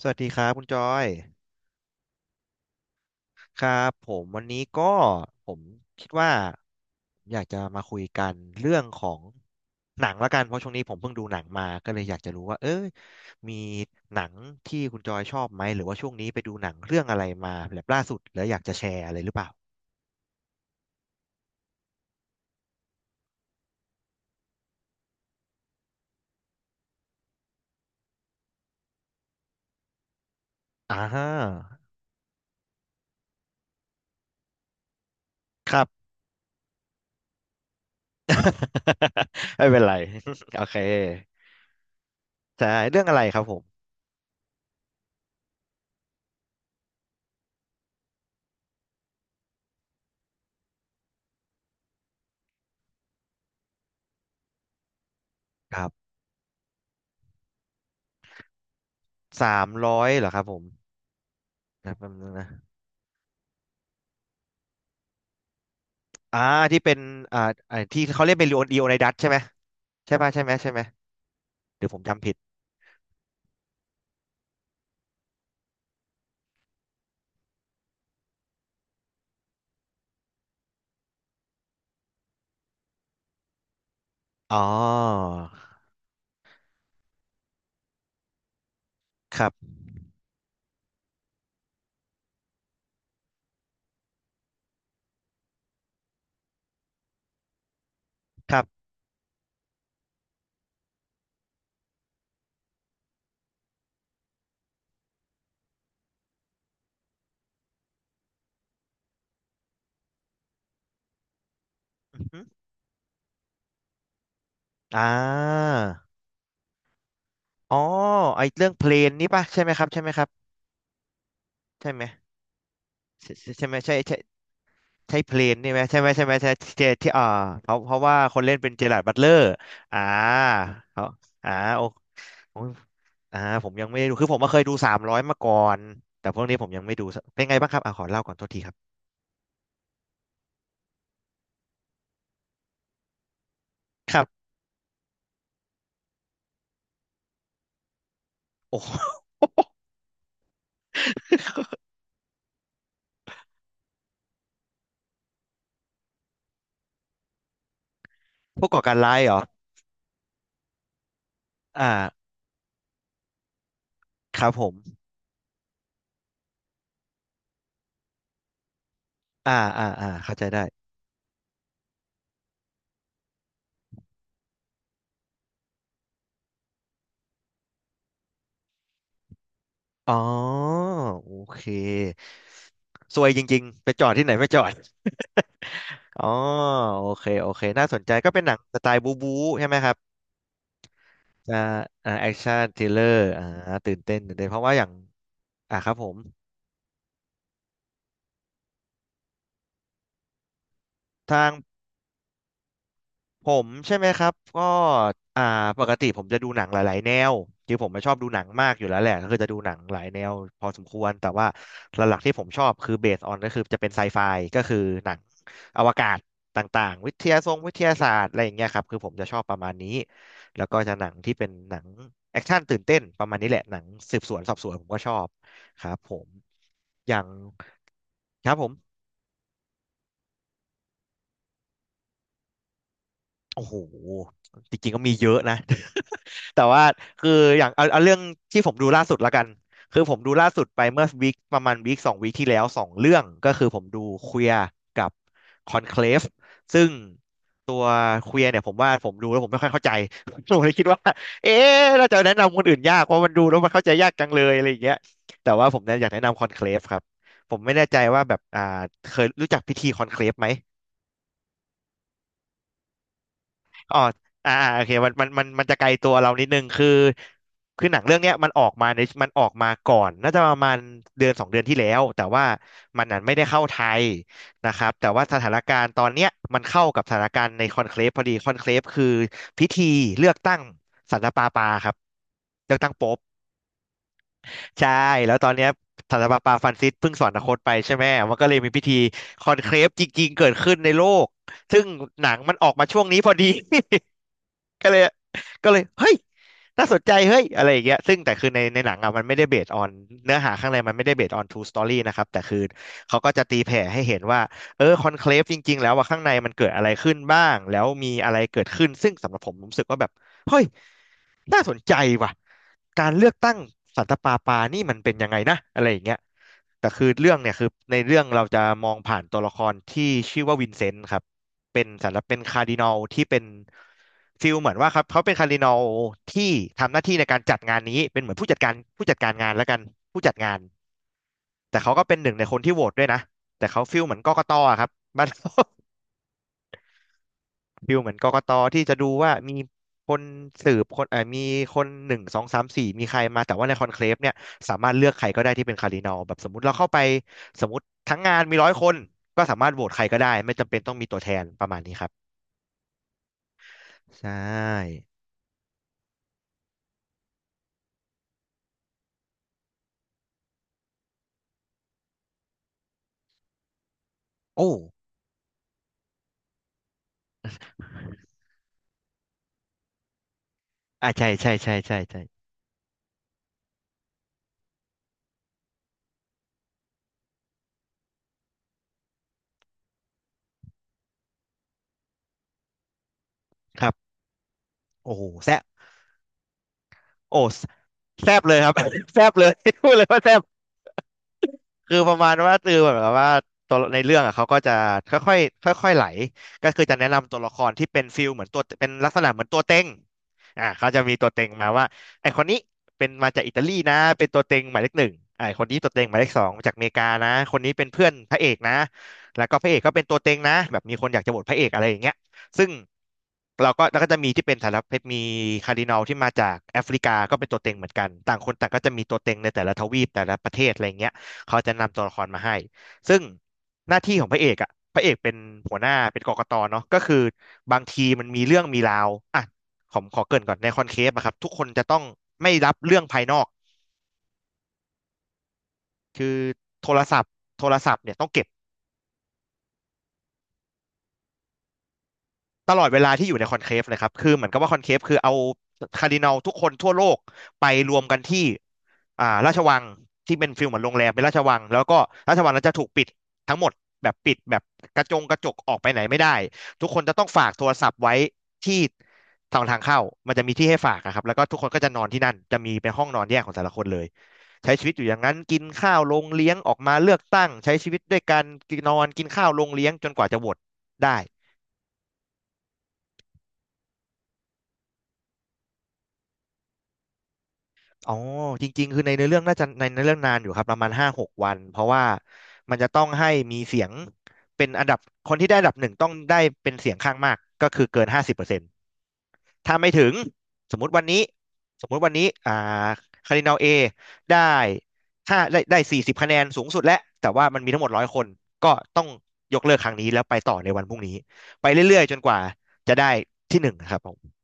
สวัสดีครับคุณจอยครับผมวันนี้ก็ผมคิดว่าผมอยากจะมาคุยกันเรื่องของหนังละกันเพราะช่วงนี้ผมเพิ่งดูหนังมาก็เลยอยากจะรู้ว่าเอ้ยมีหนังที่คุณจอยชอบไหมหรือว่าช่วงนี้ไปดูหนังเรื่องอะไรมาแบบล่าสุดแล้วอยากจะแชร์อะไรหรือเปล่าอ่าครับ ไม่เป็นไร โอเคใช่เรื่องอะไรครับผมครับสามร้อยเหรอครับผมนะแป๊บนึงนะ อ่าที่เป็นอ่าที่เขาเล่นเป็นลีโอนีโอไนดัสใช่ไหมใช่ป่ะใช่ไหมใช่ไหมหรือผมจำผิดอ๋อครับครับอือฮึอ่าอ๋อไอเรื่องเพลนนี่ป่ะใช่ไหมครับใช่ไหมครับใช่ไหมใช่ใช่ใช่เพลนนี่ไหมใช่ไหมใช่ที่เพราะว่าคนเล่นเป็นเจอราร์ดบัตเลอร์อ่าเขาอ่าโอ้โอ้ยผมยังไม่ได้ดูคือผมมาเคยดูสามร้อยมาก่อนแต่พวกนี้ผมยังไม่ดูเป็นไงบ้างครับอ่ะขอเล่าก่อนโทษทีครับครับโอ้โห ผู้ก่อการร้ายเหรออ่าครับผม อ่า อ่า อ่า เข้าใจได้ อ๋อ โอเคซวยจริงๆไปจอดที่ไหนไม่จอด อ๋อโอเค โอเค น่าสนใจ ก็เป็นหนังสไตล์บู๊บู๊ใช่ไหมครับอ่าแอคชั่นทริลเลอร์ตื่นเต้นตื่นเต้นเพราะว่าอย่าง อ่าครับผม ทาง ผมใช่ไหมครับก็อ่าปกติผมจะดูหนังหลายๆแนวคือผมไม่ชอบดูหนังมากอยู่แล้วแหละก็คือจะดูหนังหลายแนวพอสมควรแต่ว่าหลักๆที่ผมชอบคือเบสออนก็คือจะเป็นไซไฟก็คือหนังอวกาศต่างๆวิทยาทรงวิทยาศาสตร์อะไรอย่างเงี้ยครับคือผมจะชอบประมาณนี้แล้วก็จะหนังที่เป็นหนังแอคชั่นตื่นเต้นประมาณนี้แหละหนังสืบสวนสอบสวนผมก็ชอบครับผมอย่างครับผม โอ้โหจริงๆก็มีเยอะนะ แต่ว่าคืออย่างเอาเรื่องที่ผมดูล่าสุดละกัน คือผมดูล่าสุดไปเมื่อวีคประมาณวีคสองวีคที่แล้วสองเรื่อง ก็คือผมดูเควียร์กับคอนเคลฟซึ่งตัวเควียร์เนี่ยผมว่าผมดูแล้วผมไม่ค่อยเข้าใจ ผมเลยคิดว่าเอ๊ะน่าจะแนะนำคนอื่นยากเพราะมันดูแล้วมันเข้าใจยากจังเลยอะไรอย่างเงี้ยแต่ว่าผมเนี่ยอยากแนะนำคอนเคลฟครับ ผมไม่แน่ใจว่าแบบเคยรู้จักพิธีคอนเคลฟไหม อ๋อโอเคมันจะไกลตัวเรานิดนึงคือคือหนังเรื่องเนี้ยมันออกมาก่อนน่าจะประมาณเดือนสองเดือนที่แล้วแต่ว่ามันนั้นไม่ได้เข้าไทยนะครับแต่ว่าสถานการณ์ตอนเนี้ยมันเข้ากับสถานการณ์ในคอนเคลฟพอดีคอนเคลฟคือพิธีเลือกตั้งสันตะปาปาครับเลือกตั้งโป๊ปใช่แล้วตอนเนี้ยสันตะปาปาฟรานซิสเพิ่งสวรรคตไปใช่ไหมมันก็เลยมีพิธีคอนเคลฟจริงๆเกิดขึ้นในโลกซึ่งหนังมันออกมาช่วงนี้พอดี ก็เลยก็เลยเฮ้ยน่าสนใจเฮ้ยอะไรอย่างเงี้ยซึ่งแต่คือในหนังอะมันไม่ได้เบสออนเนื้อหาข้างในมันไม่ได้เบสออน true story นะครับแต่คือเขาก็จะตีแผ่ให้เห็นว่าเออคอนเคลฟจริงๆแล้วว่าข้างในมันเกิดอะไรขึ้นบ้างแล้วมีอะไรเกิดขึ้นซึ่งสำหรับผมผมรู้สึกว่าแบบเฮ้ยน่าสนใจว่ะการเลือกตั้งสันตะปาปานี่มันเป็นยังไงนะอะไรอย่างเงี้ยแต่คือเรื่องเนี่ยคือในเรื่องเราจะมองผ่านตัวละครที่ชื่อว่าวินเซนต์ครับ เป็นสำหรบเป็นคาร์ดินัลที่เป็นฟิลเหมือนว่าครับเขาเป็นคาร์ดินัลที่ทำหน้าที่ในการจัดงานนี้เป็นเหมือนผู้จัดการงานแล้วกันผู้จัดงานแต่เขาก็เป็นหนึ่งในคนที่โหวตด้วยนะแต่เขาฟิลเหมือนกกตอะครับ มัาน รฟิลเหมือนกกตที่จะดูว่ามีคนสืบคนมีคนหนึ่งสองสามสี่มีใครมาแต่ว่าในคอนเคลฟเนี่ยสามารถเลือกใครก็ได้ที่เป็นคาร์ดินัลแบบสมมติเราเข้าไปสมมติทั้งงานมีร้อยคนก็สามารถโหวตใครก็ได้ไม่จำเป็นต้องมีตัวแทนประมาณนี้ครับใช่โอ้ ใช่ครับโอ้โหแซบโอ้แซบเลยครับ แซบเลย พูดเลยว่าแซบ คือประมาณว่าตือเหมือนกับว่าตัวในเรื่องอ่ะเขาก็จะค่อยๆค่อยๆไหลก็คือจะแนะนำตัวละครที่เป็นฟิลเหมือนตัวเป็นลักษณะเหมือนตัวเต็งเขาจะมีตัวเต็งมาว่าไอคนนี้เป็นมาจากอิตาลีนะเป็นตัวเต็งหมายเลขหนึ่งไอคนนี้ตัวเต็งหมายเลขสองมาจากอเมริกานะคนนี้เป็นเพื่อนพระเอกนะแล้วก็พระเอกก็เป็นตัวเต็งนะแบบมีคนอยากจะโหวตพระเอกอะไรอย่างเงี้ยซึ่งเราก็แล้วก็จะมีที่เป็นสารพัดมีคาร์ดินัลที่มาจากแอฟริกาก็เป็นตัวเต็งเหมือนกันต่างคนต่างก็จะมีตัวเต็งในแต่ละทวีปแต่ละประเทศอะไรเงี้ย เขาจะนำตัวละครมาให้ ซึ่งหน้าที่ของพระเอกอ่ะพระเอกเป็นหัวหน้าเป็นกกตเนาะก็คือบางทีมันมีเรื่องมีราวอ่ะผมขอเกริ่นก่อนในคอนเคปอะครับทุกคนจะต้องไม่รับเรื่องภายนอก คือโทรศัพท์โทรศัพท์เนี่ยต้องเก็บตลอดเวลาที่อยู่ในคอนเคฟเลยครับคือเหมือนกับว่าคอนเคฟคือเอาคาร์ดินัลทุกคนทั่วโลกไปรวมกันที่ ราชวังที่เป็นฟิลเหมือนโรงแรมเป็นราชวังแล้วก็ราชวังนั้นจะถูกปิดทั้งหมดแบบปิดแบบกระจงกระจกออกไปไหนไม่ได้ทุกคนจะต้องฝากโทรศัพท์ไว้ที่ทางเข้ามันจะมีที่ให้ฝากอะครับแล้วก็ทุกคนก็จะนอนที่นั่นจะมีเป็นห้องนอนแยกของแต่ละคนเลยใช้ชีวิตอยู่อย่างนั้นกินข้าวลงเลี้ยงออกมาเลือกตั้งใช้ชีวิตด้วยกันกินนอนกินข้าวลงเลี้ยงจนกว่าจะโหวตได้ อ๋อจริงๆคือในเนื้อเรื่องน่าจะในเนื้อเรื่องนานอยู่ครับประมาณห้าหกวันเพราะว่ามันจะต้องให้มีเสียงเป็นอันดับคนที่ได้อันดับหนึ่งต้องได้เป็นเสียงข้างมากก็คือเกินห้าสิบเปอร์เซ็นต์ถ้าไม่ถึงสมมุติวันนี้สมมุติวันนี้คารดินัลเอได้ได้สี่สิบคะแนนสูงสุดแล้วแต่ว่ามันมีทั้งหมดร้อยคนก็ต้องยกเลิกครั้งนี้แล้วไปต่อในวันพรุ่งนี้ไปเรื่อยๆจนกว่าจะได้ที่หนึ่งนะครับผม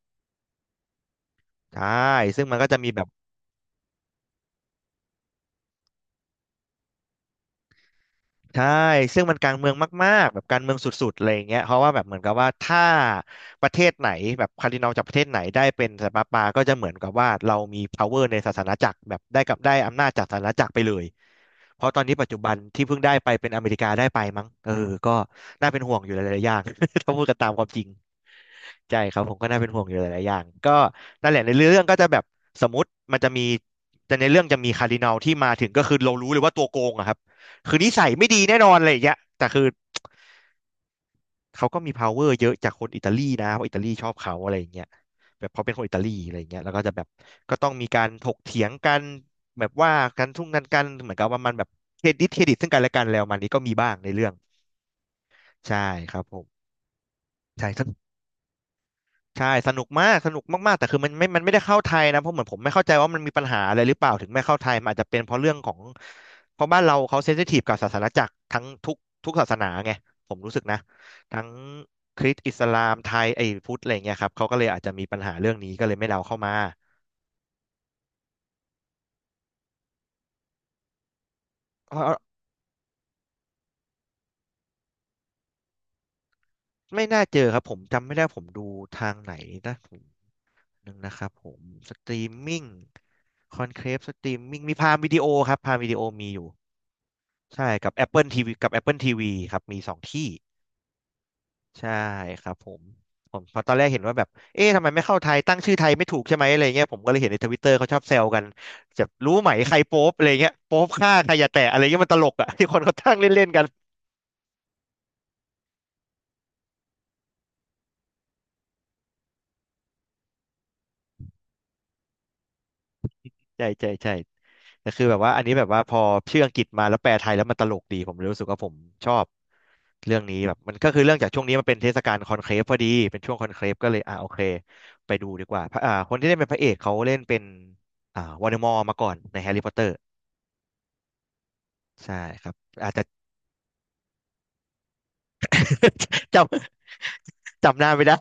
ใช่ซึ่งมันก็จะมีแบบ ใช่ ซึ่งมันการเมืองมากๆแบบการเมืองสุดๆอะไรอย่างเงี้ยเพราะว่าแบบเหมือนกับว่าถ้าประเทศไหนแบบคาร์ดินัลจากประเทศไหนได้เป็นสันตะปาปก็จะเหมือนกับว่าเรามี power ในศาสนาจักรแบบได้กับได้อำนาจจากศาสนาจักรไปเลย เพราะตอนนี้ปัจจุบันที่เพิ่งได้ไปเป็นอเมริกาได้ไปมั้งก็น่าเป็นห่วงอยู่หลายๆอย่าง ถ้าพูดกันตามความจริง ใช่ครับผมก็น่าเป็นห่วงอยู่หลายๆอย่างก็นั่นแหละในเรื่องก็จะแบบสมมติมันจะมีแต่ในเรื่องจะมีคาร์ดินัลที่มาถึงก็คือเรารู้เลยว่าตัวโกงอะครับคือนิสัยไม่ดีแน่นอนอะไรอย่างเงี้ยแต่คือเขาก็มี power เยอะจากคนอิตาลีนะเพราะอิตาลีชอบเขาอะไรอย่างเงี้ยแบบเขาเป็นคนอิตาลีอะไรอย่างเงี้ยแล้วก็จะแบบก็ต้องมีการถกเถียงกันแบบว่ากันทุ่งกันเหมือนกับว่ามันแบบเครดิตซึ่งกันและกันแล้วมันนี้ก็มีบ้างในเรื่องใช่ครับผมใช่ ใช่สนุกมากสนุกมากๆแต่คือมันไม่ได้เข้าไทยนะเพราะเหมือนผมไม่เข้าใจว่ามันมีปัญหาอะไรหรือเปล่าถึงไม่เข้าไทยมันอาจจะเป็นเพราะเรื่องของเพราะบ้านเราเขาเซนซิทีฟกับศาสนาจักรทั้งทุกศาสนาไงผมรู้สึกนะทั้งคริสต์อิสลามไทยไอ้พุทธอะไรเงี้ยครับเขาก็เลยอาจจะมีปัญหาเรื่องนี้ก็เลยไม่ได้เอาเข้ามาเออไม่น่าเจอครับผมจำไม่ได้ผมดูทางไหนนะผมนึงนะครับผมสตรีมมิ่งคอนเคลฟสตรีมมิ่งมีพามวิดีโอครับพามวิดีโอมีอยู่ ใช่กับ Apple TV กับ Apple ทีวีครับมีสองที่ใช่ครับผมผมเพอตอนแรกเห็นว่าแบบเอ๊ะทำไมไม่เข้าไทยตั้งชื่อไทยไม่ถูกใช่ไหมอะไรเงี้ยผมก็เลยเห็นในทวิตเตอร์เขาชอบแซวกันจะรู้ไหมใครโป๊ปอะไรเงี้ยโป๊ปฆ่าใครอย่าแตะอะไรเงี้ยมันตลกอ่ะ ที่คนเขาตั้งเล่นๆกัน ใช่ใช่ใช่แต่คือแบบว่าอันนี้แบบว่าพอชื่ออังกฤษมาแล้วแปลไทยแล้วมันตลกดีผมเลยรู้สึกว่าผมชอบเรื่องนี้แบบมันก็คือเรื่องจากช่วงนี้มันเป็นเทศกาลคอนเคลฟพอดีเป็นช่วงคอนเคลฟก็เลยโอเคไปดูดีกว่าพระคนที่เล่นเป็นพระเอกเขาเล่นเป็นวอลเดมอร์มาก่อนในแฮร์รี่พอตเตอร์ใช่ครับอาจจะ จจำหน้าไม่ได้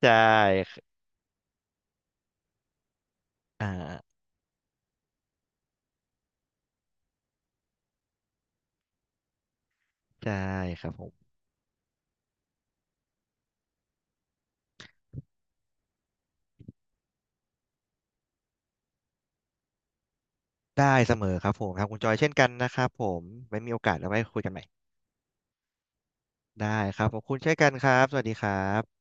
ใช่อ่าใช่ครับผมได้เสมอครับผมครับคุณจอยเช่นกันนะครับผมไม่มีโอกาสแล้วไว้คุยกันใหม่ ได้ครับขอบคุณเช่นกันครับสวัสดีครับ